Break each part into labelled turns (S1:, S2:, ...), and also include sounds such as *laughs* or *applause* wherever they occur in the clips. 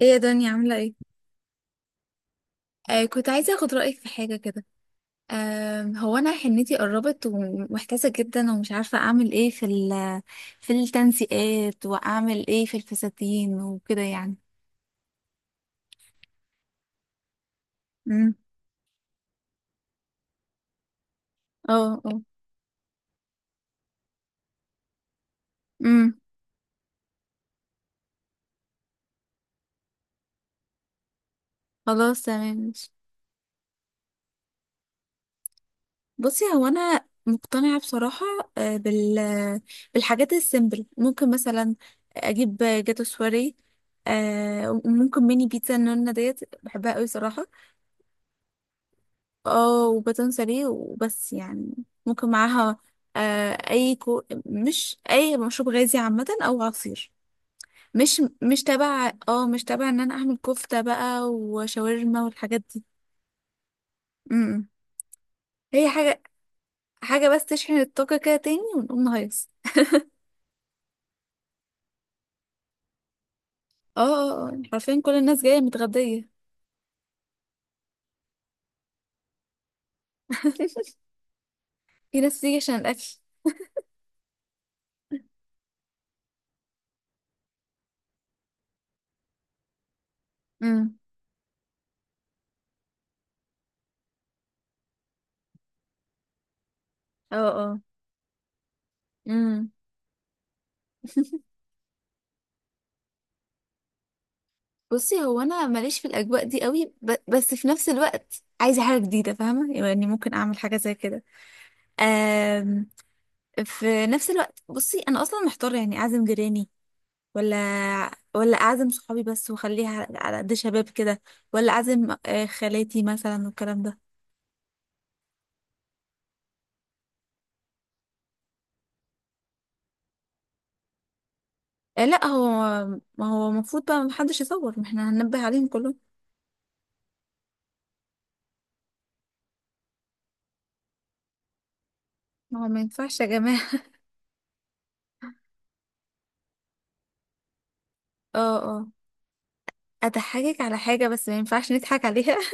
S1: ايه يا دنيا عاملة ايه؟ كنت عايزة اخد رأيك في حاجة كده. هو انا حنتي قربت ومحتاسة جدا ومش عارفة اعمل ايه في ال في التنسيقات واعمل ايه في الفساتين وكده يعني. امم. اه، اه. امم. خلاص تمام ماشي. بصي هو انا مقتنعة بصراحة. آه بال بالحاجات السيمبل ممكن مثلا اجيب جاتو سواري. وممكن ميني بيتزا النونة ديت بحبها قوي صراحة. اه، وباتون ساريه وبس يعني. ممكن معاها مش اي مشروب غازي عامة او عصير. مش تبع اه مش تبع ان انا اعمل كفتة بقى وشاورما والحاجات دي. امم. هي حاجة، حاجة بس تشحن الطاقة كده تاني ونقوم نهيص. اه، اه، اه، يعني حرفيا كل الناس جاية متغدية. *laughs* في ناس بتيجي عشان الاكل. امم. اه، اه. امم. بصي هو انا ماليش في الاجواء دي قوي بس في نفس الوقت عايزة حاجة جديدة فاهمة يعني ممكن اعمل حاجة زي كده. آم، في نفس الوقت بصي انا اصلا محتاره يعني اعزم جيراني ولا ولا اعزم صحابي بس واخليها على قد شباب كده، ولا اعزم خالاتي مثلا والكلام ده. لا، هو ما هو المفروض بقى محدش يصور ما احنا هننبه عليهم كلهم. ما هو ما ينفعش يا جماعه. *laughs* اه، اه، اضحكك على حاجه بس ما ينفعش نضحك عليها. *laughs*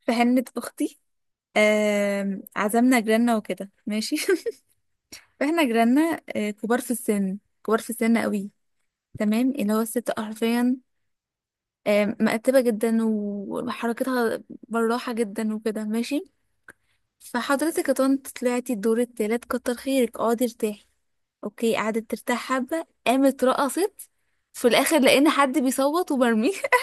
S1: في حنه اختي. عزمنا جيراننا وكده ماشي. *laughs* فاحنا جيراننا كبار في السن، كبار في السن قوي. تمام اللي هو الست حرفيا مقتبة جدا وحركتها براحة جدا وكده ماشي. فحضرتك يا طنط طلعتي الدور التالت، كتر خيرك اقعدي ارتاحي. اوكي قعدت ترتاح حبة قامت رقصت. في الاخر لقينا حد بيصوت وبرميه. *laughs*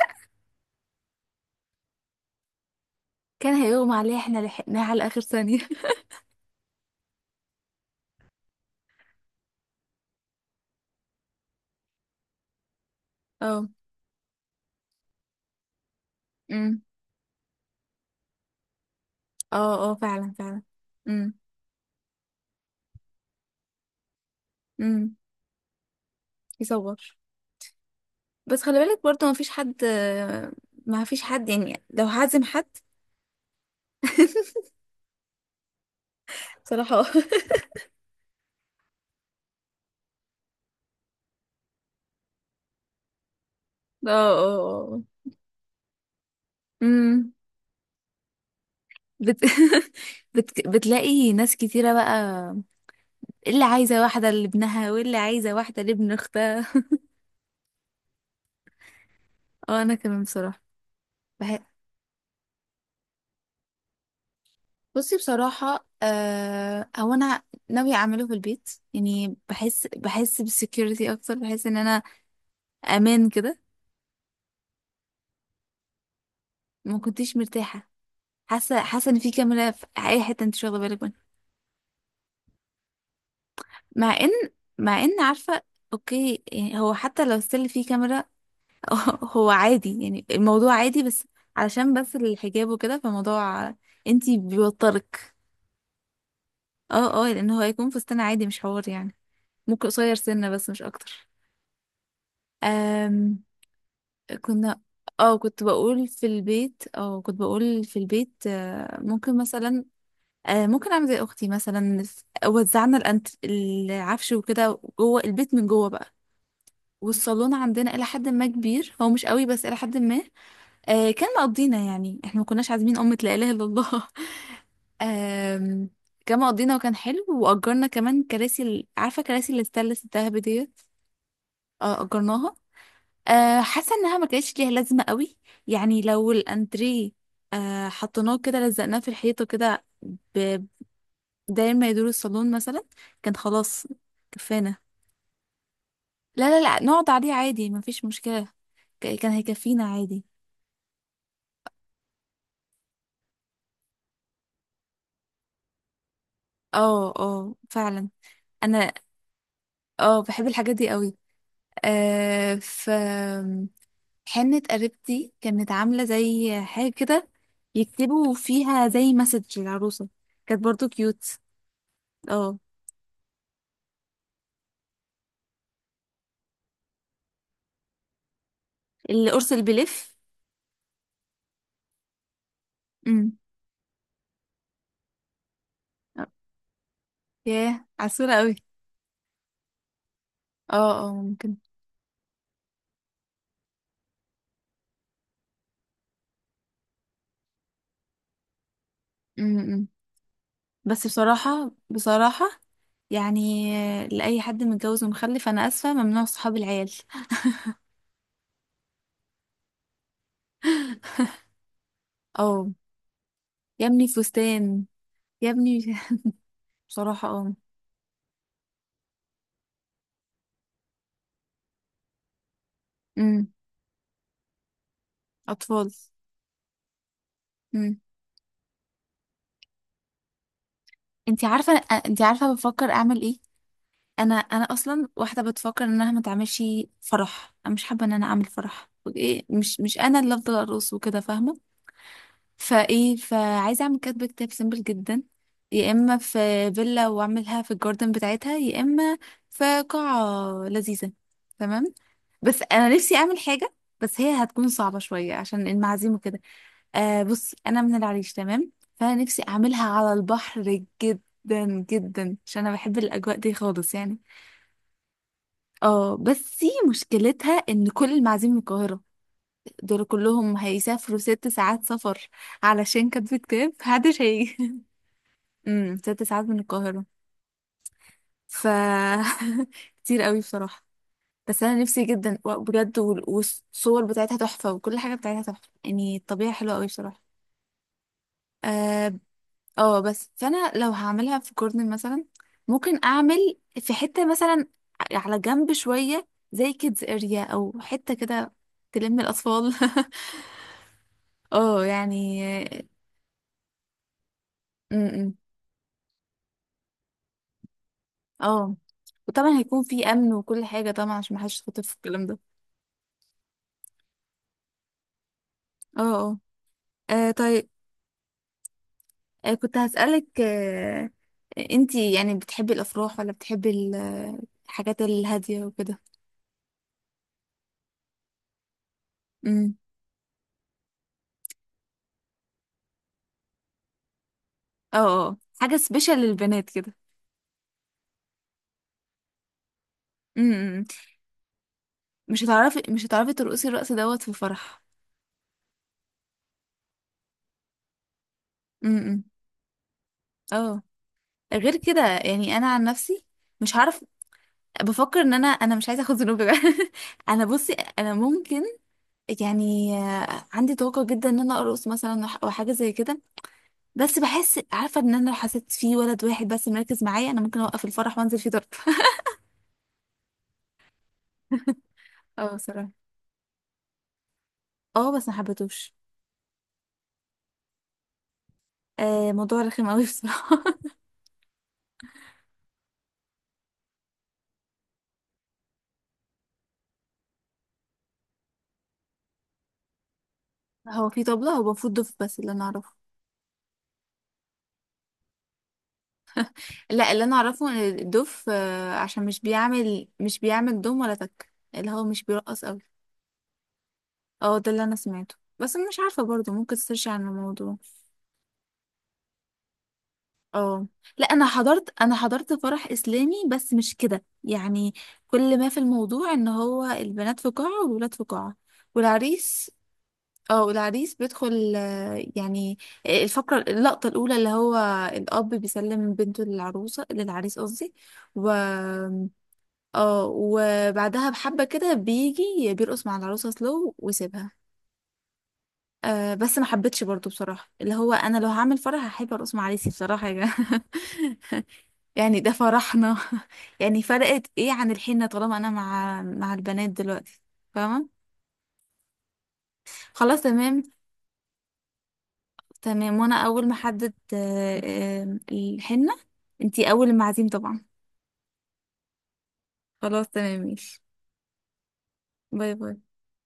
S1: كان هيغمى عليها احنا لحقناها على اخر ثانية. *laughs* اه. امم. اه، اه، فعلا فعلا. امم، امم. يصور. بس خلي بالك برضه ما فيش حد، ما فيش حد يعني لو هعزم حد. *laughs* بصراحة اه. اه، اه، آه. امم. بت... *laughs* بتلاقي ناس كتيرة بقى اللي عايزة واحدة لابنها واللي عايزة واحدة لابن اختها. اه، انا كمان بصراحة. بح... بصي بصراحة هو انا ناوية اعمله في البيت يعني بحس، بحس بالسكيورتي اكتر، بحس ان انا امان كده. ما كنتش مرتاحة. حاسة، حاسة ان في كاميرا في اي حتة انت مش واخدة بالك منها. مع ان مع ان عارفة، اوكي يعني هو حتى لو ستيل في كاميرا. *laughs* هو عادي يعني الموضوع عادي بس علشان بس الحجاب وكده فموضوع انتي بيوترك. اه، اه، لان هو هيكون فستان عادي مش حوار يعني. ممكن قصير سنة بس مش اكتر. أم كنا اه كنت بقول في البيت ممكن مثلا ممكن اعمل زي اختي مثلا وزعنا العفش وكده جوه البيت من جوه بقى. والصالون عندنا الى حد ما كبير، هو مش قوي بس الى حد ما كان مقضينا يعني احنا ما كناش عازمين أمة لا إله إلا الله. *laughs* آم، كان مقضينا وكان حلو وأجرنا كمان كراسي عارفة كراسي الستانلس الدهب ديت. اه، أجرناها حاسة إنها ما كانتش ليها لازمة قوي. يعني لو الأنتريه حطيناه كده لزقناه في الحيطة كده ب- داير ما يدور الصالون مثلا كان خلاص كفانا. لا، لا، لا، نقعد عليه عادي ما فيش مشكلة. كان هيكفينا عادي. اه، اه، فعلا. انا اه بحب الحاجات دي قوي. في حنة قريبتي كانت عاملة زي حاجة كده يكتبوا فيها زي مسج للعروسة كانت برضو كيوت. اه. القرص اللي بيلف. امم. ياه عسولة قوي. اه، اه، ممكن. امم. بس بصراحة بصراحة يعني لأي حد متجوز ومخلف أنا آسفة ممنوع صحاب العيال. اه، يا ابني فستان، يا ابني. *laughs* بصراحة اه. امم. أطفال. انت عارفه انت عارفه بفكر اعمل ايه. انا اصلا واحده بتفكر انها ما تعملش فرح. انا مش حابه ان انا اعمل فرح. ايه مش انا اللي افضل ارقص وكده فاهمه. فايه فعايزه اعمل كاتبه كتاب سيمبل جدا، يا اما في فيلا واعملها في الجاردن بتاعتها، يا اما في قاعه لذيذه. تمام. بس انا نفسي اعمل حاجه، بس هي هتكون صعبه شويه عشان المعازيم وكده. بص انا من العريش تمام، فانا نفسي اعملها على البحر جدا جدا عشان انا بحب الاجواء دي خالص يعني. اه بس مشكلتها ان كل المعازيم من القاهره دول كلهم هيسافروا 6 ساعات سفر. علشان كاتبة كتاب محدش هيجي. *laughs* 6 ساعات من القاهرة. ف *laughs* كتير قوي بصراحة. بس انا نفسي جدا بجد والصور بتاعتها تحفة وكل حاجة بتاعتها تحفة يعني الطبيعة حلوة قوي بصراحة. اه. بس فانا لو هعملها في كورنر مثلا ممكن اعمل في حتة مثلا على جنب شوية زي كيدز اريا او حتة كده تلم الاطفال. *laughs* اه، يعني امم، امم. اه، وطبعا هيكون في امن وكل حاجه طبعا عشان محدش يتخطف في الكلام ده. اه، اه، طيب. كنت هسألك انتي يعني بتحبي الافراح ولا بتحبي الحاجات الهاديه وكده. امم. اه، اه، حاجه سبيشال للبنات كده. امم. مش هتعرفي ترقصي الرقص دوت في فرح. امم. اه، غير كده يعني انا عن نفسي مش هعرف. بفكر ان انا مش عايزه اخد ذنوب. *laughs* انا بصي انا ممكن يعني عندي طاقة جدا ان انا ارقص مثلا او حاجة زي كده. بس بحس عارفة ان انا لو حسيت في ولد واحد بس مركز معايا انا ممكن اوقف الفرح وانزل فيه ضرب. *laughs* اه بصراحة. اه بس ما حبيتهوش. موضوع رخم قوي بصراحة. *laughs* هو في طبلة هو المفروض دف بس اللي انا اعرفه. لا اللي انا اعرفه ان الدف عشان مش بيعمل دم ولا تك اللي هو مش بيرقص قوي. اه، ده اللي انا سمعته بس مش عارفة برضو ممكن تسيرش عن الموضوع. اه، لا، انا حضرت فرح اسلامي بس مش كده يعني. كل ما في الموضوع ان هو البنات في قاعة والولاد في قاعة والعريس. اه، والعريس بيدخل يعني الفقرة اللقطة الأولى اللي هو الأب بيسلم بنته للعروسة للعريس قصدي و اه وبعدها بحبة كده بيجي بيرقص مع العروسة سلو ويسيبها. بس ما حبيتش برضو بصراحة اللي هو أنا لو هعمل فرح هحب أرقص مع عريسي بصراحة يا جماعة. *laughs* يعني ده فرحنا. *laughs* يعني فرقت ايه عن الحين طالما انا مع البنات دلوقتي. فاهمة. خلاص تمام. تمام وانا اول ما احدد الحنة انتي اول المعازيم طبعا. خلاص تمام ماشي. باي باي.